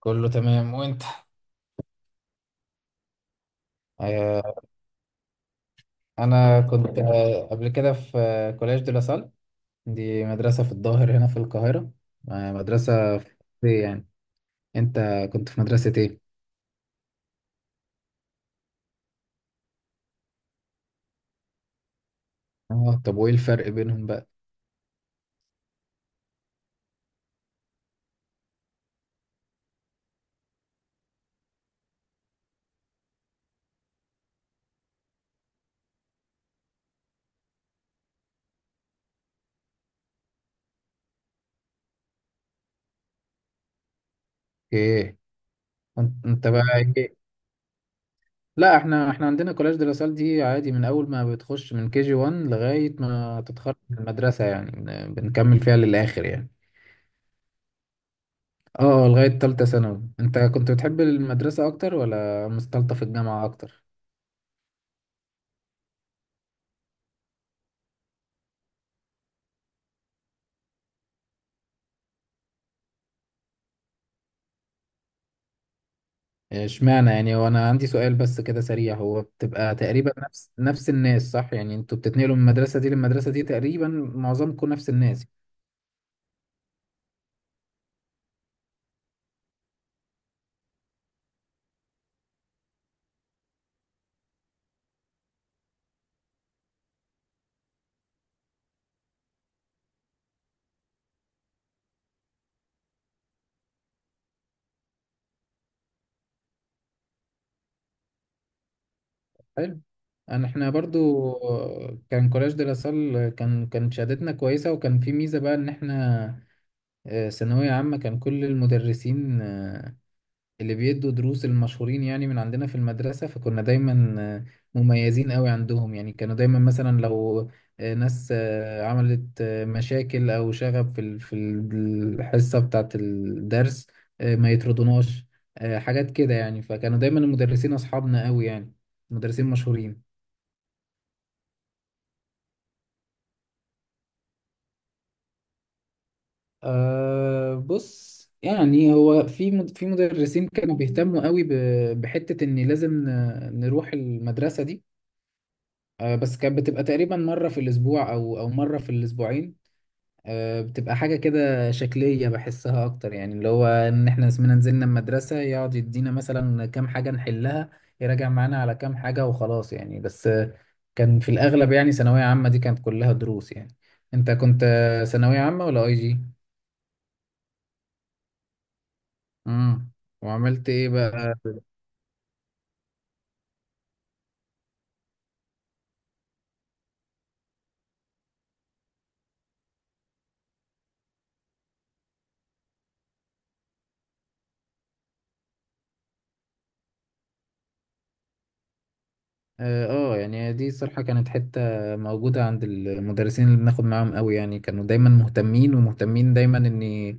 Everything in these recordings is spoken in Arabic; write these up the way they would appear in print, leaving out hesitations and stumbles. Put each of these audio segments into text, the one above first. كله تمام وانت. آه، انا كنت قبل كده في كولاج دي لاسال، دي مدرسة في الظاهر هنا في القاهرة. مدرسة في إيه يعني. انت كنت في مدرسة ايه؟ اه، طب وايه الفرق بينهم بقى؟ ايه انت؟ إنت بقى ايه لا، احنا عندنا كولاج دي لاسال دي عادي، من اول ما بتخش من كي جي 1 لغاية ما تتخرج من المدرسة، يعني بنكمل فيها للآخر يعني. اه، لغاية تالتة ثانوي. انت كنت بتحب المدرسة اكتر ولا مستلطف الجامعة اكتر؟ اشمعنى يعني؟ هو انا عندي سؤال بس كده سريع، هو بتبقى تقريبا نفس الناس صح؟ يعني انتوا بتتنقلوا من المدرسة دي للمدرسة دي تقريبا معظمكم نفس الناس. حلو. انا، احنا برضو كان كولاج دراسال، كان شهادتنا كويسة، وكان في ميزة بقى ان احنا ثانوية عامة كان كل المدرسين اللي بيدوا دروس المشهورين يعني من عندنا في المدرسة، فكنا دايما مميزين قوي عندهم يعني. كانوا دايما مثلا لو ناس عملت مشاكل أو شغب في الحصة بتاعة الدرس، ما يطردوناش، حاجات كده يعني. فكانوا دايما المدرسين أصحابنا قوي يعني، مدرسين مشهورين. أه، بص، يعني هو في في مدرسين كانوا بيهتموا قوي بحتة إن لازم نروح المدرسة دي. بس كانت بتبقى تقريبا مرة في الأسبوع أو مرة في الأسبوعين. بتبقى حاجة كده شكلية بحسها أكتر، يعني اللي هو إن إحنا اسمنا نزلنا المدرسة، يقعد يدينا مثلا كام حاجة نحلها، يراجع معانا على كام حاجة وخلاص يعني. بس كان في الأغلب يعني ثانوية عامة دي كانت كلها دروس يعني. أنت كنت ثانوية عامة ولا أي جي؟ امم، وعملت إيه بقى؟ اه. يعني دي الصراحة كانت حتة موجودة عند المدرسين اللي بناخد معاهم قوي يعني. كانوا دايما مهتمين، ومهتمين دايما ان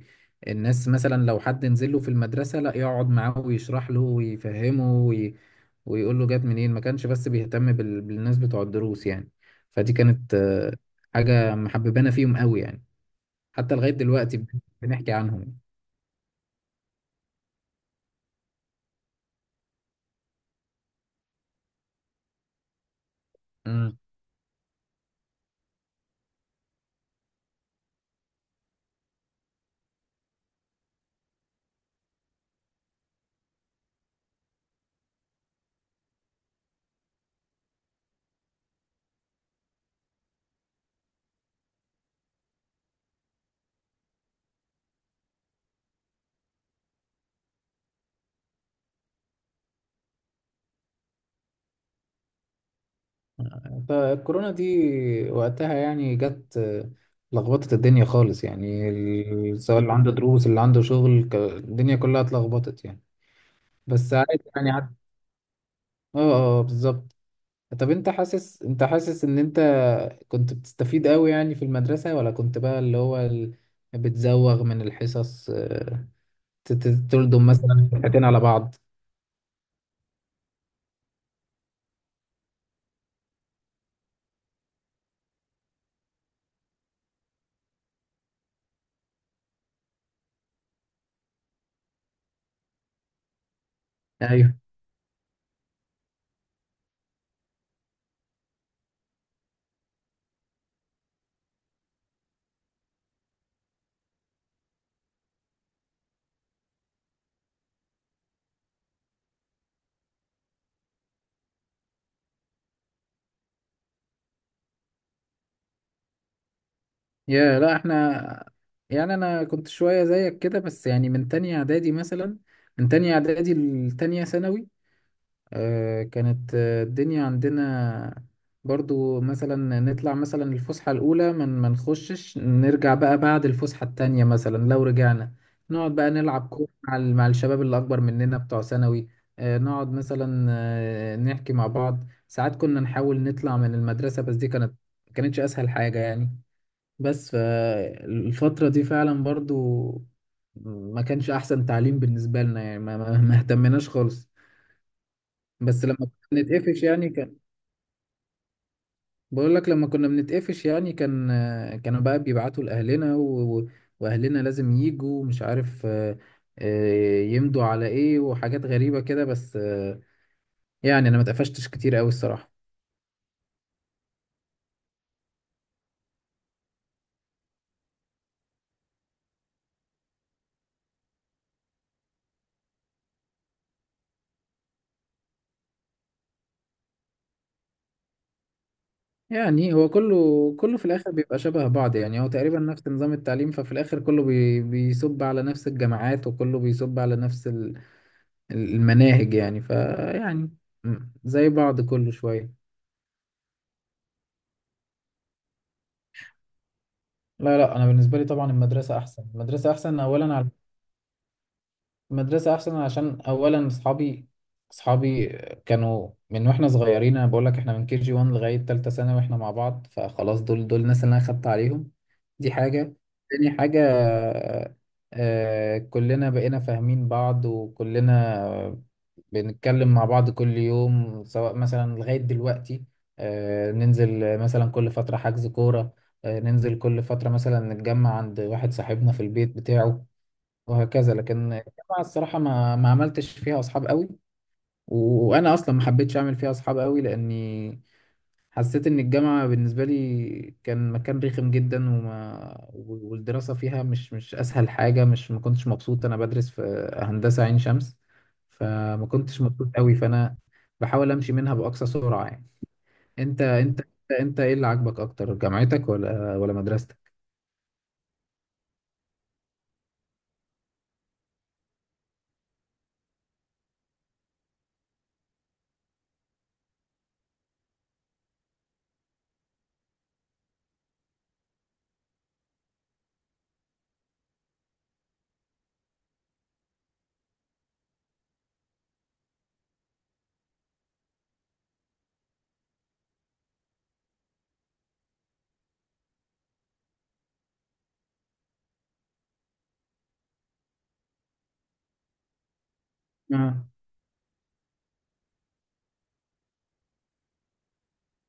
الناس مثلا لو حد نزل له في المدرسة، لا، يقعد معاه ويشرح له ويفهمه ويقول له جت منين. ما كانش بس بيهتم بالناس بتوع الدروس يعني. فدي كانت حاجة محببانا فيهم قوي يعني. حتى لغاية دلوقتي بنحكي عنهم. فالكورونا دي وقتها يعني جت لخبطت الدنيا خالص يعني. سواء اللي عنده دروس اللي عنده شغل، الدنيا كلها اتلخبطت يعني. بس عادي يعني اه، اه، بالظبط. طب انت حاسس، ان انت كنت بتستفيد قوي يعني في المدرسة، ولا كنت بقى اللي هو بتزوغ من الحصص، تلدم مثلا حاجتين على بعض؟ يا، لا، احنا يعني انا كنت شويه زيك كده، بس يعني من تانية اعدادي مثلا، من تانية اعدادي لتانية ثانوي. آه، كانت الدنيا عندنا برضو مثلا نطلع مثلا الفسحه الاولى، من ما نخشش نرجع بقى بعد الفسحه التانية. مثلا لو رجعنا نقعد بقى نلعب كوره مع مع الشباب اللي اكبر مننا بتوع ثانوي. آه، نقعد مثلا آه، نحكي مع بعض. ساعات كنا نحاول نطلع من المدرسه، بس دي كانت كانتش اسهل حاجه يعني. بس فالفترة دي فعلا برضو ما كانش أحسن تعليم بالنسبة لنا يعني. ما اهتمناش خالص. بس لما كنا بنتقفش يعني كان، بقول لك لما كنا بنتقفش يعني كان، كانوا بقى بيبعتوا لأهلنا وأهلنا لازم يجوا مش عارف يمضوا على إيه وحاجات غريبة كده. بس يعني أنا ما اتقفشتش كتير أوي الصراحة. يعني هو كله في الاخر بيبقى شبه بعض يعني، هو تقريبا نفس نظام التعليم، ففي الاخر كله بيصب على نفس الجامعات، وكله بيصب على نفس المناهج يعني. فيعني م، زي بعض كله شوية. لا، انا بالنسبة لي طبعا المدرسة احسن. المدرسة احسن اولا على، مدرسة أحسن عشان أولا أصحابي. أصحابي كانوا من وإحنا صغيرين. أنا بقول لك إحنا من كي جي 1 لغاية تالتة ثانوي وإحنا مع بعض، فخلاص دول الناس اللي أنا خدت عليهم. دي حاجة. تاني حاجة، آه، كلنا بقينا فاهمين بعض، وكلنا بنتكلم مع بعض كل يوم. سواء مثلا لغاية دلوقتي آه، ننزل مثلا كل فترة حجز كورة، آه، ننزل كل فترة مثلا نتجمع عند واحد صاحبنا في البيت بتاعه، وهكذا. لكن الجامعة الصراحة ما عملتش فيها أصحاب قوي، وأنا أصلا ما حبيتش أعمل فيها أصحاب قوي، لأني حسيت إن الجامعة بالنسبة لي كان مكان رخم جدا. والدراسة فيها مش أسهل حاجة، مش، ما كنتش مبسوط. أنا بدرس في هندسة عين شمس فما كنتش مبسوط قوي، فأنا بحاول أمشي منها بأقصى سرعة يعني. أنت أنت أنت إيه اللي عاجبك أكتر، جامعتك ولا مدرستك؟ آه.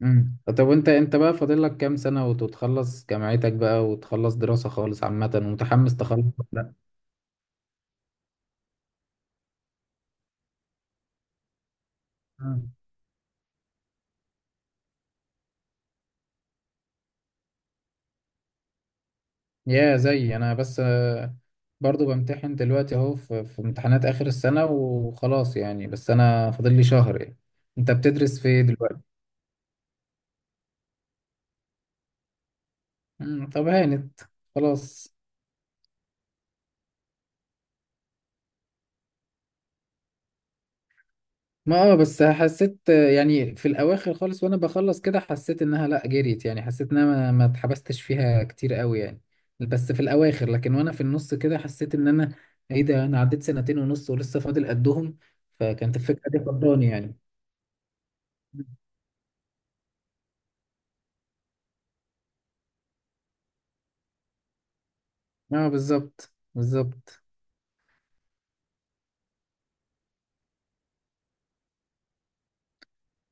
امم، طب وانت بقى فاضل لك كام سنة وتتخلص جامعتك بقى وتخلص دراسة خالص عامة، ومتحمس تخلص ولا لا؟ مم. يا زي انا، بس برضو بمتحن دلوقتي اهو، في امتحانات اخر السنة وخلاص يعني، بس انا فاضل لي شهر يعني. انت بتدرس في إيه دلوقتي؟ مم. طب هانت خلاص. ما اه، بس حسيت يعني في الاواخر خالص وانا بخلص كده، حسيت انها لا، جريت يعني. حسيت انها ما اتحبستش فيها كتير قوي يعني بس في الاواخر، لكن وانا في النص كده حسيت ان انا ايه ده، انا عديت سنتين ونص ولسه فاضل قدهم. فكانت الفكرة دي فضاني يعني. اه بالظبط، بالظبط.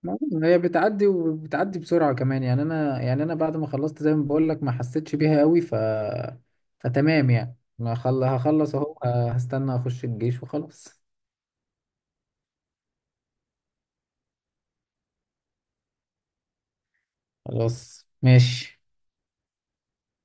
ما هي بتعدي وبتعدي بسرعة كمان يعني. انا يعني بعد ما خلصت زي ما بقول لك ما حسيتش بيها قوي، فتمام يعني. ما خل... هخلص اهو، هستنى اخش الجيش وخلاص. خلاص، ماشي.